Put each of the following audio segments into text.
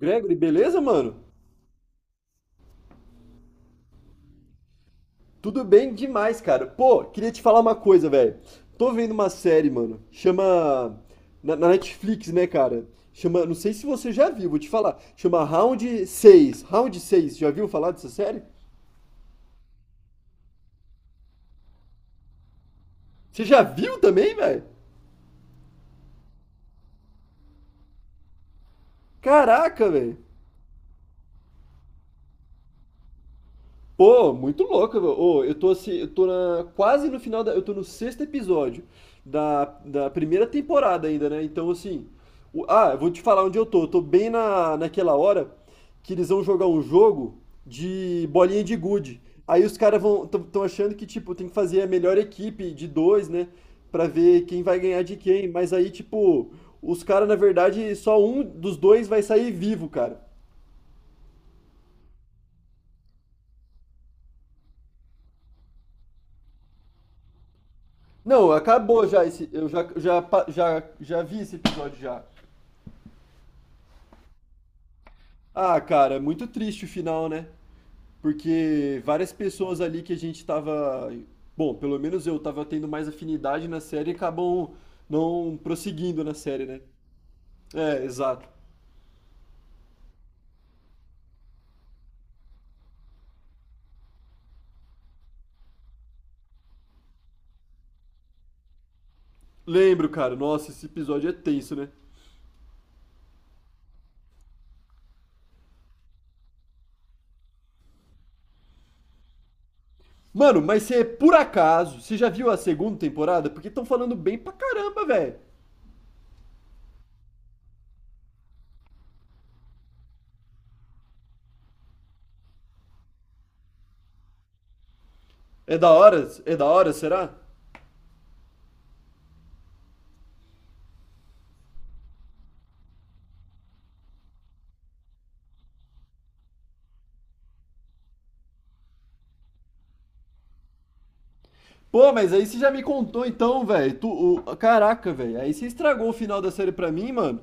Gregory, beleza, mano? Tudo bem demais, cara. Pô, queria te falar uma coisa, velho. Tô vendo uma série, mano. Chama. Na Netflix, né, cara? Chama. Não sei se você já viu, vou te falar. Chama Round seis, Round seis. Já viu falar dessa série? Você já viu também, velho? Caraca, velho. Pô, muito louco, meu. Ô, eu tô assim, eu tô no sexto episódio da primeira temporada ainda, né? Então, assim, eu vou te falar onde eu tô. Eu tô bem naquela hora que eles vão jogar um jogo de bolinha de gude. Aí os caras vão, estão achando que, tipo, tem que fazer a melhor equipe de dois, né? Pra ver quem vai ganhar de quem. Mas aí, tipo, os caras, na verdade, só um dos dois vai sair vivo, cara. Não, acabou já esse. Eu já vi esse episódio já. Ah, cara, é muito triste o final, né? Porque várias pessoas ali que a gente tava. Bom, pelo menos eu tava tendo mais afinidade na série e acabam não prosseguindo na série, né? É, exato. Lembro, cara. Nossa, esse episódio é tenso, né? Mano, mas você, por acaso, você já viu a segunda temporada? Porque estão falando bem pra caramba, velho. É da hora? É da hora, será? Pô, mas aí você já me contou então, velho. Caraca, velho. Aí você estragou o final da série pra mim, mano.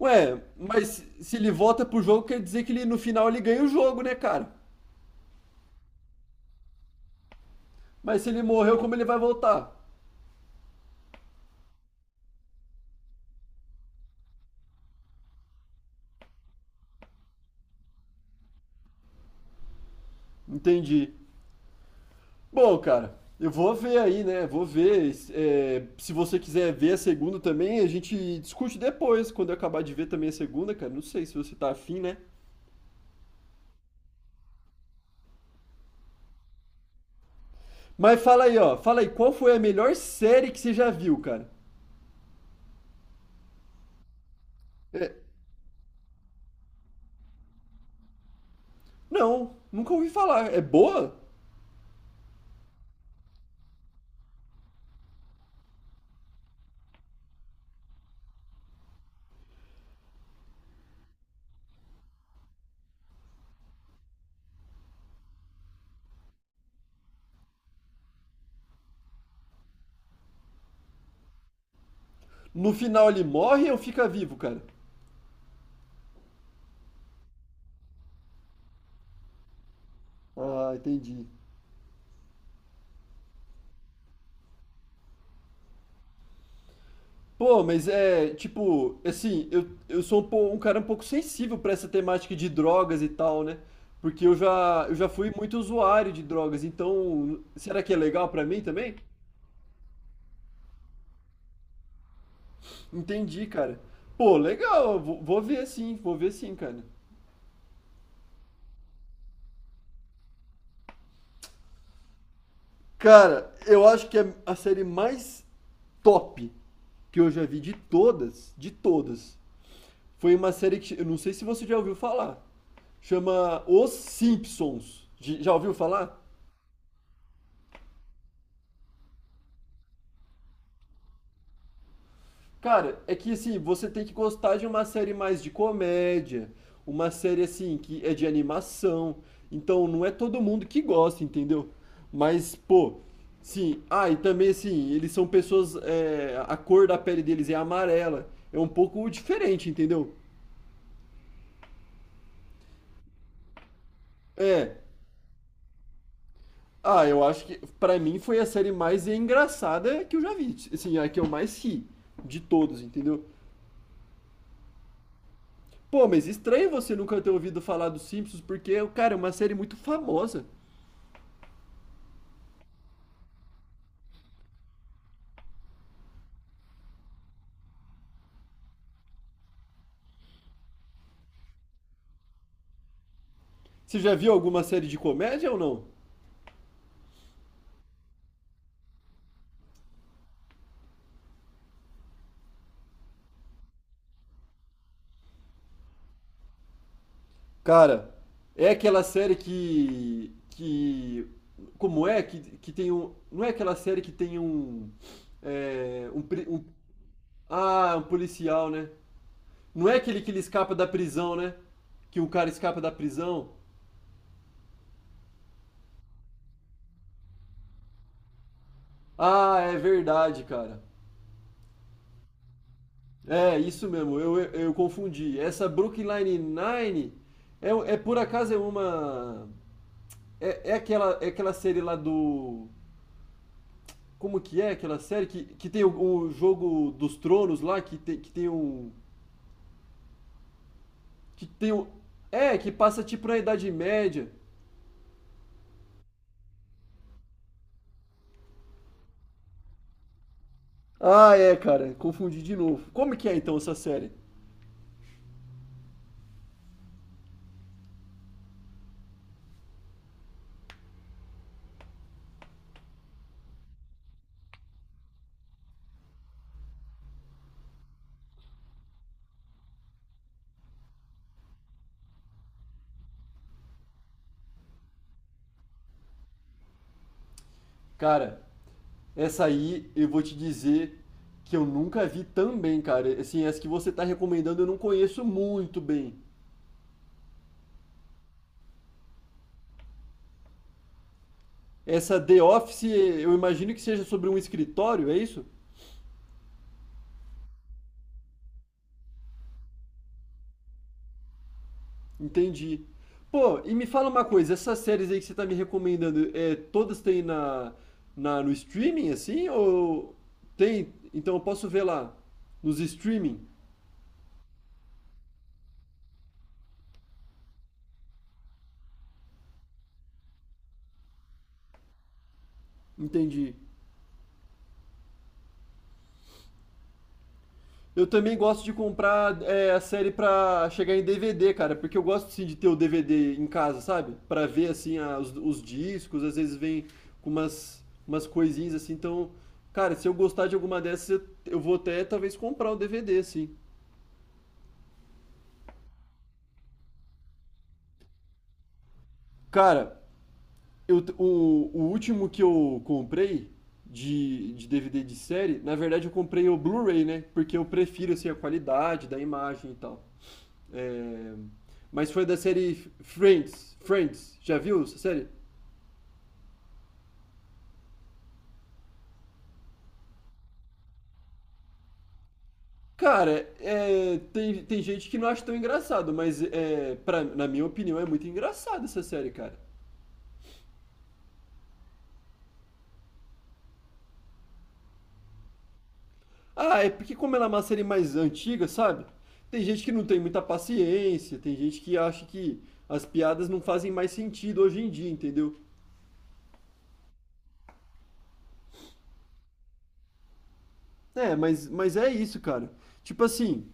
Ué, mas se ele volta pro jogo, quer dizer que ele, no final ele ganha o jogo, né, cara? Mas se ele morreu, como ele vai voltar? Entendi. Bom, cara, eu vou ver aí, né? Vou ver. É, se você quiser ver a segunda também, a gente discute depois, quando eu acabar de ver também a segunda, cara. Não sei se você tá afim, né? Mas fala aí, ó. Fala aí, qual foi a melhor série que você já viu, cara? É, Não, nunca ouvi falar. É boa? No final ele morre ou fica vivo, cara? Ah, entendi. Pô, mas é, tipo, assim, eu sou um, um cara um pouco sensível pra essa temática de drogas e tal, né? Porque eu já fui muito usuário de drogas, então será que é legal pra mim também? Entendi, cara. Pô, legal, vou ver sim, cara. Cara, eu acho que é a série mais top que eu já vi de todas, de todas. Foi uma série que eu não sei se você já ouviu falar. Chama Os Simpsons. Já ouviu falar? Cara, é que assim, você tem que gostar de uma série mais de comédia, uma série assim que é de animação. Então não é todo mundo que gosta, entendeu? Mas, pô, sim. Ah, e também assim, eles são pessoas. É, a cor da pele deles é amarela. É um pouco diferente, entendeu? É, Ah, eu acho que pra mim foi a série mais engraçada que eu já vi. Assim, a que eu mais ri de todos, entendeu? Pô, mas estranho você nunca ter ouvido falar dos Simpsons, porque, cara, é uma série muito famosa. Você já viu alguma série de comédia ou não? Cara, é aquela série que como é que tem um, não é aquela série que tem um é, um, pri- um- ah, um policial, né? Não é aquele que ele escapa da prisão, né? Que um cara escapa da prisão. Ah, é verdade, cara. É, isso mesmo, eu confundi. Essa Brooklyn Nine-Nine é, é por acaso é uma. É aquela série lá do. Como que é aquela série que tem o jogo dos tronos lá, que tem um. Que tem um. É, que passa tipo na Idade Média. Ah, é, cara, confundi de novo. Como que é então essa série? Cara, essa aí eu vou te dizer que eu nunca vi tão bem, cara. Assim, essa que você tá recomendando eu não conheço muito bem. Essa The Office, eu imagino que seja sobre um escritório, é isso? Entendi. Pô, e me fala uma coisa, essas séries aí que você tá me recomendando, é, todas têm no streaming, assim? Ou tem? Então eu posso ver lá, nos streaming? Entendi. Eu também gosto de comprar é, a série pra chegar em DVD, cara, porque eu gosto sim de ter o DVD em casa, sabe? Pra ver assim os discos, às vezes vem com umas, umas coisinhas assim, então, cara, se eu gostar de alguma dessas, eu vou até talvez comprar o DVD, assim. Cara, o último que eu comprei de DVD de série, na verdade eu comprei o Blu-ray, né? Porque eu prefiro assim a qualidade da imagem e tal. É, mas foi da série Friends. Friends, já viu essa série? Cara, é, tem gente que não acha tão engraçado, mas é, pra, na minha opinião é muito engraçada essa série, cara. Ah, é porque como ela é uma série mais antiga, sabe? Tem gente que não tem muita paciência, tem gente que acha que as piadas não fazem mais sentido hoje em dia, entendeu? É, mas é isso, cara. Tipo assim,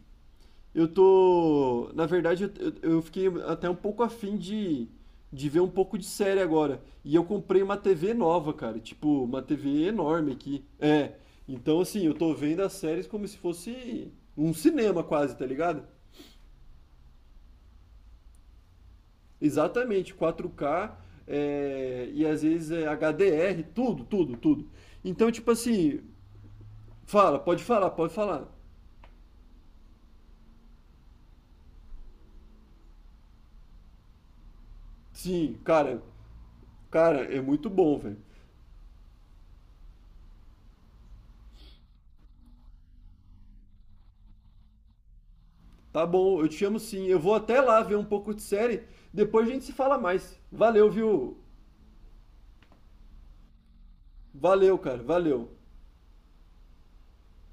eu tô. Na verdade, eu fiquei até um pouco afim de ver um pouco de série agora. E eu comprei uma TV nova, cara. Tipo, uma TV enorme aqui. É. Então, assim, eu tô vendo as séries como se fosse um cinema quase, tá ligado? Exatamente, 4K, é, e às vezes é HDR, tudo, tudo, tudo. Então, tipo assim, fala, pode falar, pode falar. Sim, cara, cara, é muito bom, velho. Tá bom, eu te chamo sim. Eu vou até lá ver um pouco de série. Depois a gente se fala mais. Valeu, viu? Valeu, cara. Valeu.